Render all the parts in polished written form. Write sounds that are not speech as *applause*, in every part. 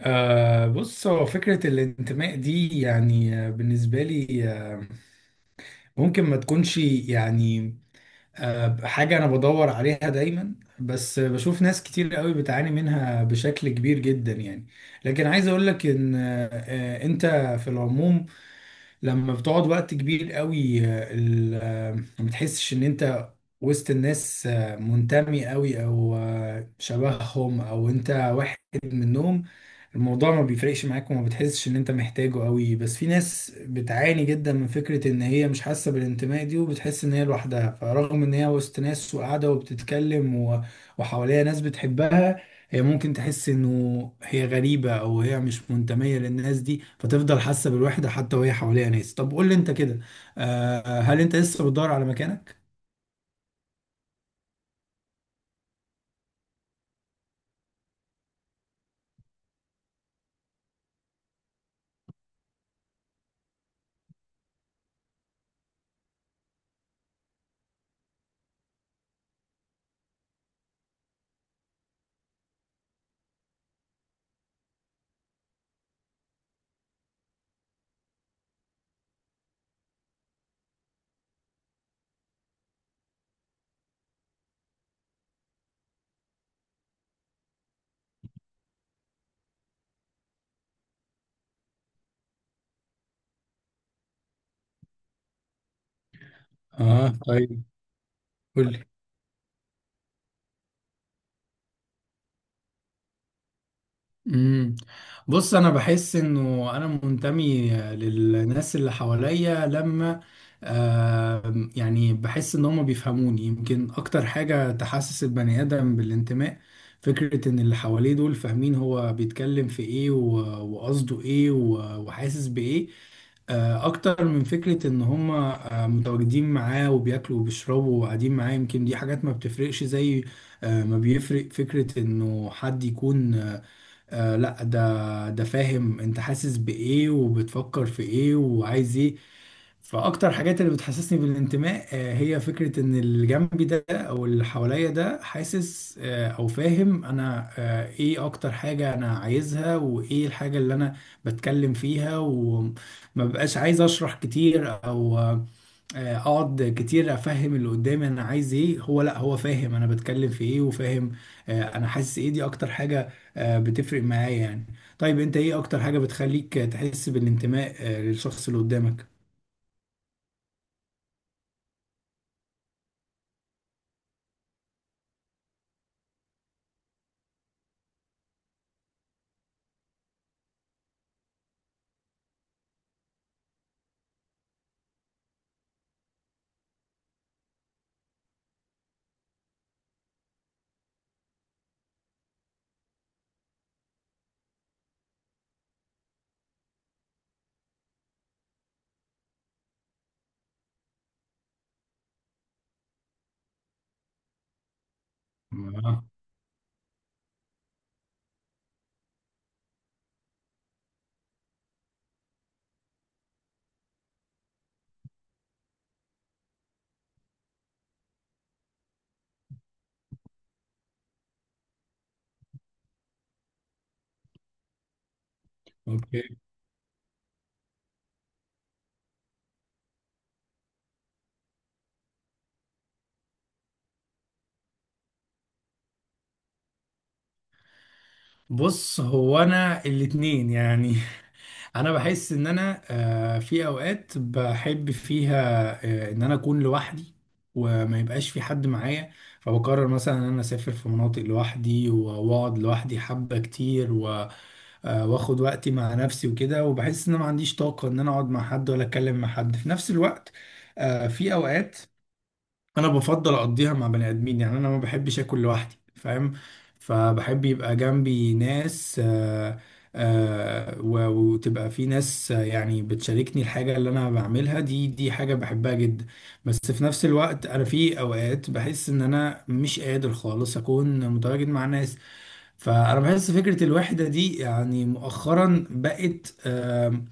بص هو فكرة الانتماء دي يعني بالنسبة لي ممكن ما تكونش يعني حاجة أنا بدور عليها دايما، بس بشوف ناس كتير قوي بتعاني منها بشكل كبير جدا يعني. لكن عايز أقولك إن أنت في العموم لما بتقعد وقت كبير قوي، ما بتحسش ان انت وسط الناس منتمي قوي او شبههم او انت واحد منهم. الموضوع ما بيفرقش معاك وما بتحسش ان انت محتاجه قوي، بس في ناس بتعاني جدا من فكرة ان هي مش حاسة بالانتماء دي وبتحس ان هي لوحدها، فرغم ان هي وسط ناس وقاعدة وبتتكلم وحواليها ناس بتحبها، هي ممكن تحس انه هي غريبة او هي مش منتمية للناس دي، فتفضل حاسة بالوحدة حتى وهي حواليها ناس. طب قول لي انت كده، هل انت لسه بتدور على مكانك؟ اه، طيب قول لي. امم بص انا بحس انه انا منتمي للناس اللي حواليا لما يعني بحس ان هم بيفهموني. يمكن اكتر حاجة تحسس البني ادم بالانتماء فكرة ان اللي حواليه دول فاهمين هو بيتكلم في ايه وقصده ايه وحاسس بايه، اكتر من فكرة ان هم متواجدين معاه وبياكلوا وبيشربوا وقاعدين معاه. يمكن دي حاجات ما بتفرقش زي ما بيفرق فكرة انه حد يكون لا، ده فاهم انت حاسس بايه وبتفكر في ايه وعايز ايه. فاكتر حاجات اللي بتحسسني بالانتماء هي فكرة ان اللي جنبي ده او اللي حواليا ده حاسس او فاهم انا ايه اكتر حاجة انا عايزها، وايه الحاجة اللي انا بتكلم فيها وما بقاش عايز اشرح كتير او اقعد كتير افهم اللي قدامي انا عايز ايه. هو لا، هو فاهم انا بتكلم في ايه وفاهم انا حاسس ايه. دي اكتر حاجة بتفرق معايا يعني. طيب انت ايه اكتر حاجة بتخليك تحس بالانتماء للشخص اللي قدامك؟ آه، اوكي. بص هو انا الاتنين يعني *laughs* انا بحس ان انا في اوقات بحب فيها ان انا اكون لوحدي وما يبقاش في حد معايا، فبقرر مثلا ان انا اسافر في مناطق لوحدي واقعد لوحدي حبة كتير واخد وقتي مع نفسي وكده. وبحس ان انا ما عنديش طاقة ان انا اقعد مع حد ولا اتكلم مع حد في نفس الوقت. في اوقات انا بفضل اقضيها مع بني ادمين، يعني انا ما بحبش اكل لوحدي، فاهم؟ فبحب يبقى جنبي ناس وتبقى في ناس يعني بتشاركني الحاجة اللي انا بعملها، دي حاجة بحبها جدا. بس في نفس الوقت انا في اوقات بحس ان انا مش قادر خالص اكون متواجد مع ناس. فانا بحس فكره الوحده دي يعني مؤخرا بقت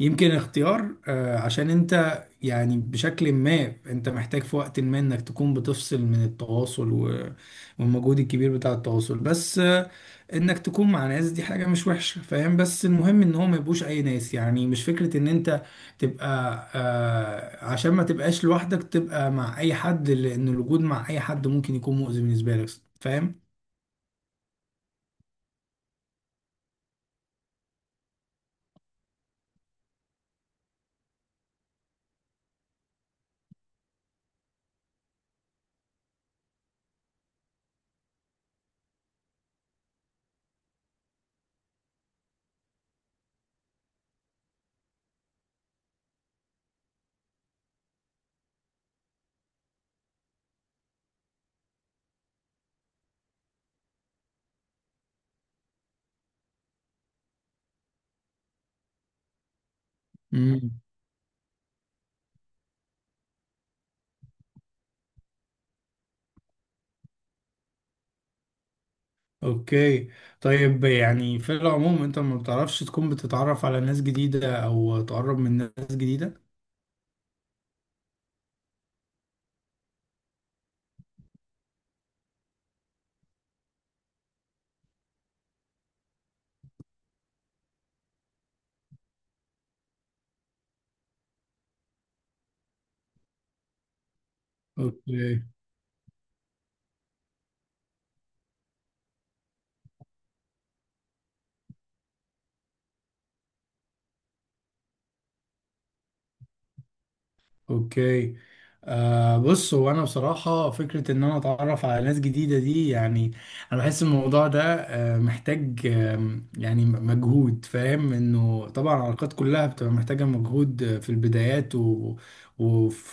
يمكن اختيار، عشان انت يعني بشكل ما انت محتاج في وقت ما انك تكون بتفصل من التواصل والمجهود الكبير بتاع التواصل. بس انك تكون مع ناس دي حاجة مش وحشة، فاهم؟ بس المهم ان هو ما يبقوش اي ناس، يعني مش فكرة ان انت تبقى عشان ما تبقاش لوحدك تبقى مع اي حد، لان الوجود مع اي حد ممكن يكون مؤذي بالنسبة لك. فاهم؟ اوكي. طيب يعني في العموم انت ما بتعرفش تكون بتتعرف على ناس جديدة او تقرب من ناس جديدة. اوكي. اوكي. بص هو انا بصراحه فكره ان انا اتعرف على ناس جديده دي يعني انا بحس الموضوع ده محتاج يعني مجهود، فاهم؟ انه طبعا العلاقات كلها بتبقى محتاجه مجهود في البدايات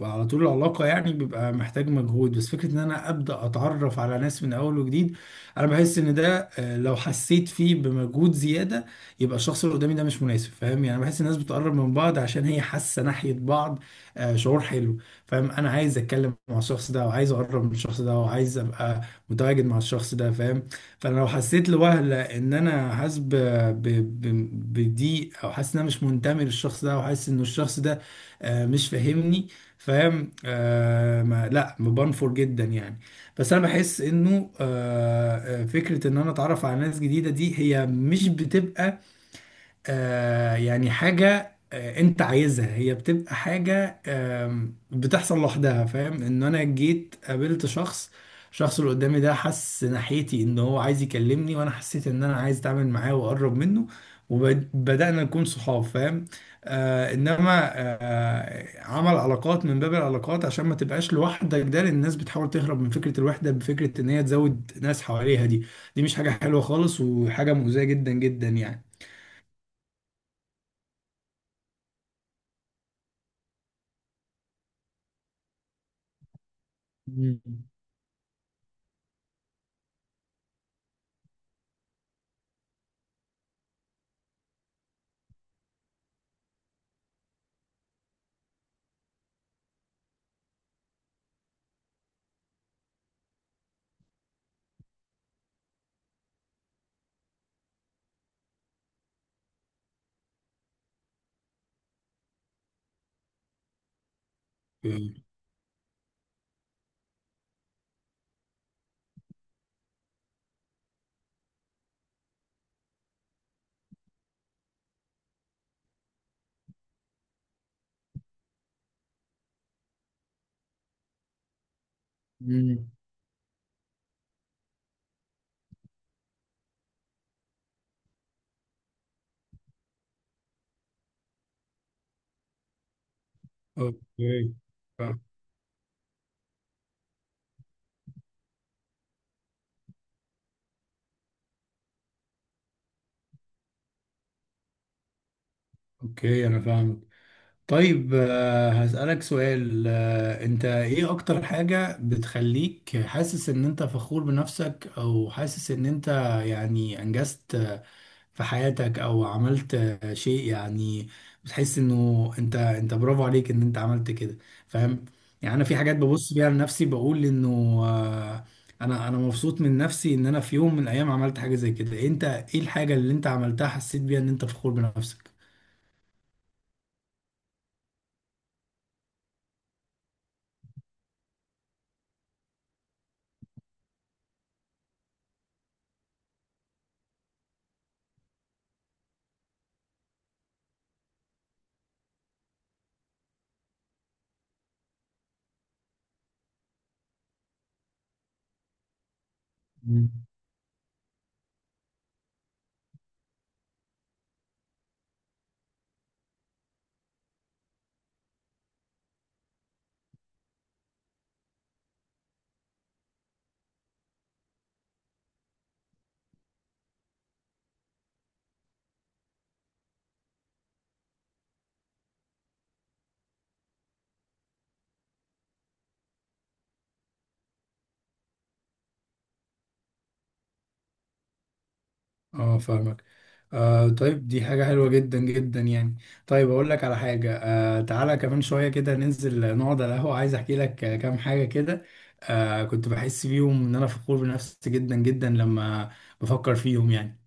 وعلى طول العلاقه يعني بيبقى محتاج مجهود. بس فكره ان انا ابدا اتعرف على ناس من اول وجديد انا بحس ان ده لو حسيت فيه بمجهود زياده يبقى الشخص اللي قدامي ده مش مناسب. فاهم؟ يعني بحس الناس بتقرب من بعض عشان هي حاسه ناحيه بعض شعور حلو. فاهم؟ انا عايز اتكلم مع الشخص ده وعايز اقرب من الشخص ده وعايز ابقى متواجد مع الشخص ده. فاهم؟ فانا لو حسيت لوهلة ان انا حاسس بضيق، او حاسس ان انا مش منتمي للشخص ده وحاسس ان الشخص ده مش فاهمني. فاهم؟ ما لا، بنفر جدا يعني. بس انا بحس انه فكره ان انا اتعرف على ناس جديده دي هي مش بتبقى يعني حاجة انت عايزها، هي بتبقى حاجة بتحصل لوحدها، فاهم؟ ان انا جيت قابلت شخص، الشخص اللي قدامي ده حس ناحيتي ان هو عايز يكلمني، وانا حسيت ان انا عايز اتعامل معاه واقرب منه، وبدأنا نكون صحاب. فاهم؟ انما عمل علاقات من باب العلاقات عشان ما تبقاش لوحدك ده، لان الناس بتحاول تهرب من فكرة الوحدة بفكرة ان هي تزود ناس حواليها دي، دي مش حاجة حلوة خالص وحاجة مؤذية جدا جدا يعني. مم. مم. مم. اوكي. فا- اوكي انا فاهم. طيب هسألك سؤال، انت ايه اكتر حاجة بتخليك حاسس ان انت فخور بنفسك، او حاسس ان انت يعني انجزت في حياتك، او عملت شيء يعني بتحس انه انت برافو عليك ان انت عملت كده. فاهم؟ يعني انا في حاجات ببص بيها لنفسي بقول انه آه، انا مبسوط من نفسي ان انا في يوم من الايام عملت حاجة زي كده. انت ايه الحاجة اللي انت عملتها حسيت بيها ان انت فخور بنفسك؟ اه، فاهمك. طيب دي حاجة حلوة جدا جدا يعني. طيب أقول لك على حاجة، تعالى كمان شوية كده ننزل نقعد على القهوة، عايز أحكي لك كام حاجة كده كنت بحس بيهم إن أنا فخور بنفسي جدا جدا لما بفكر فيهم يعني.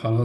خلاص.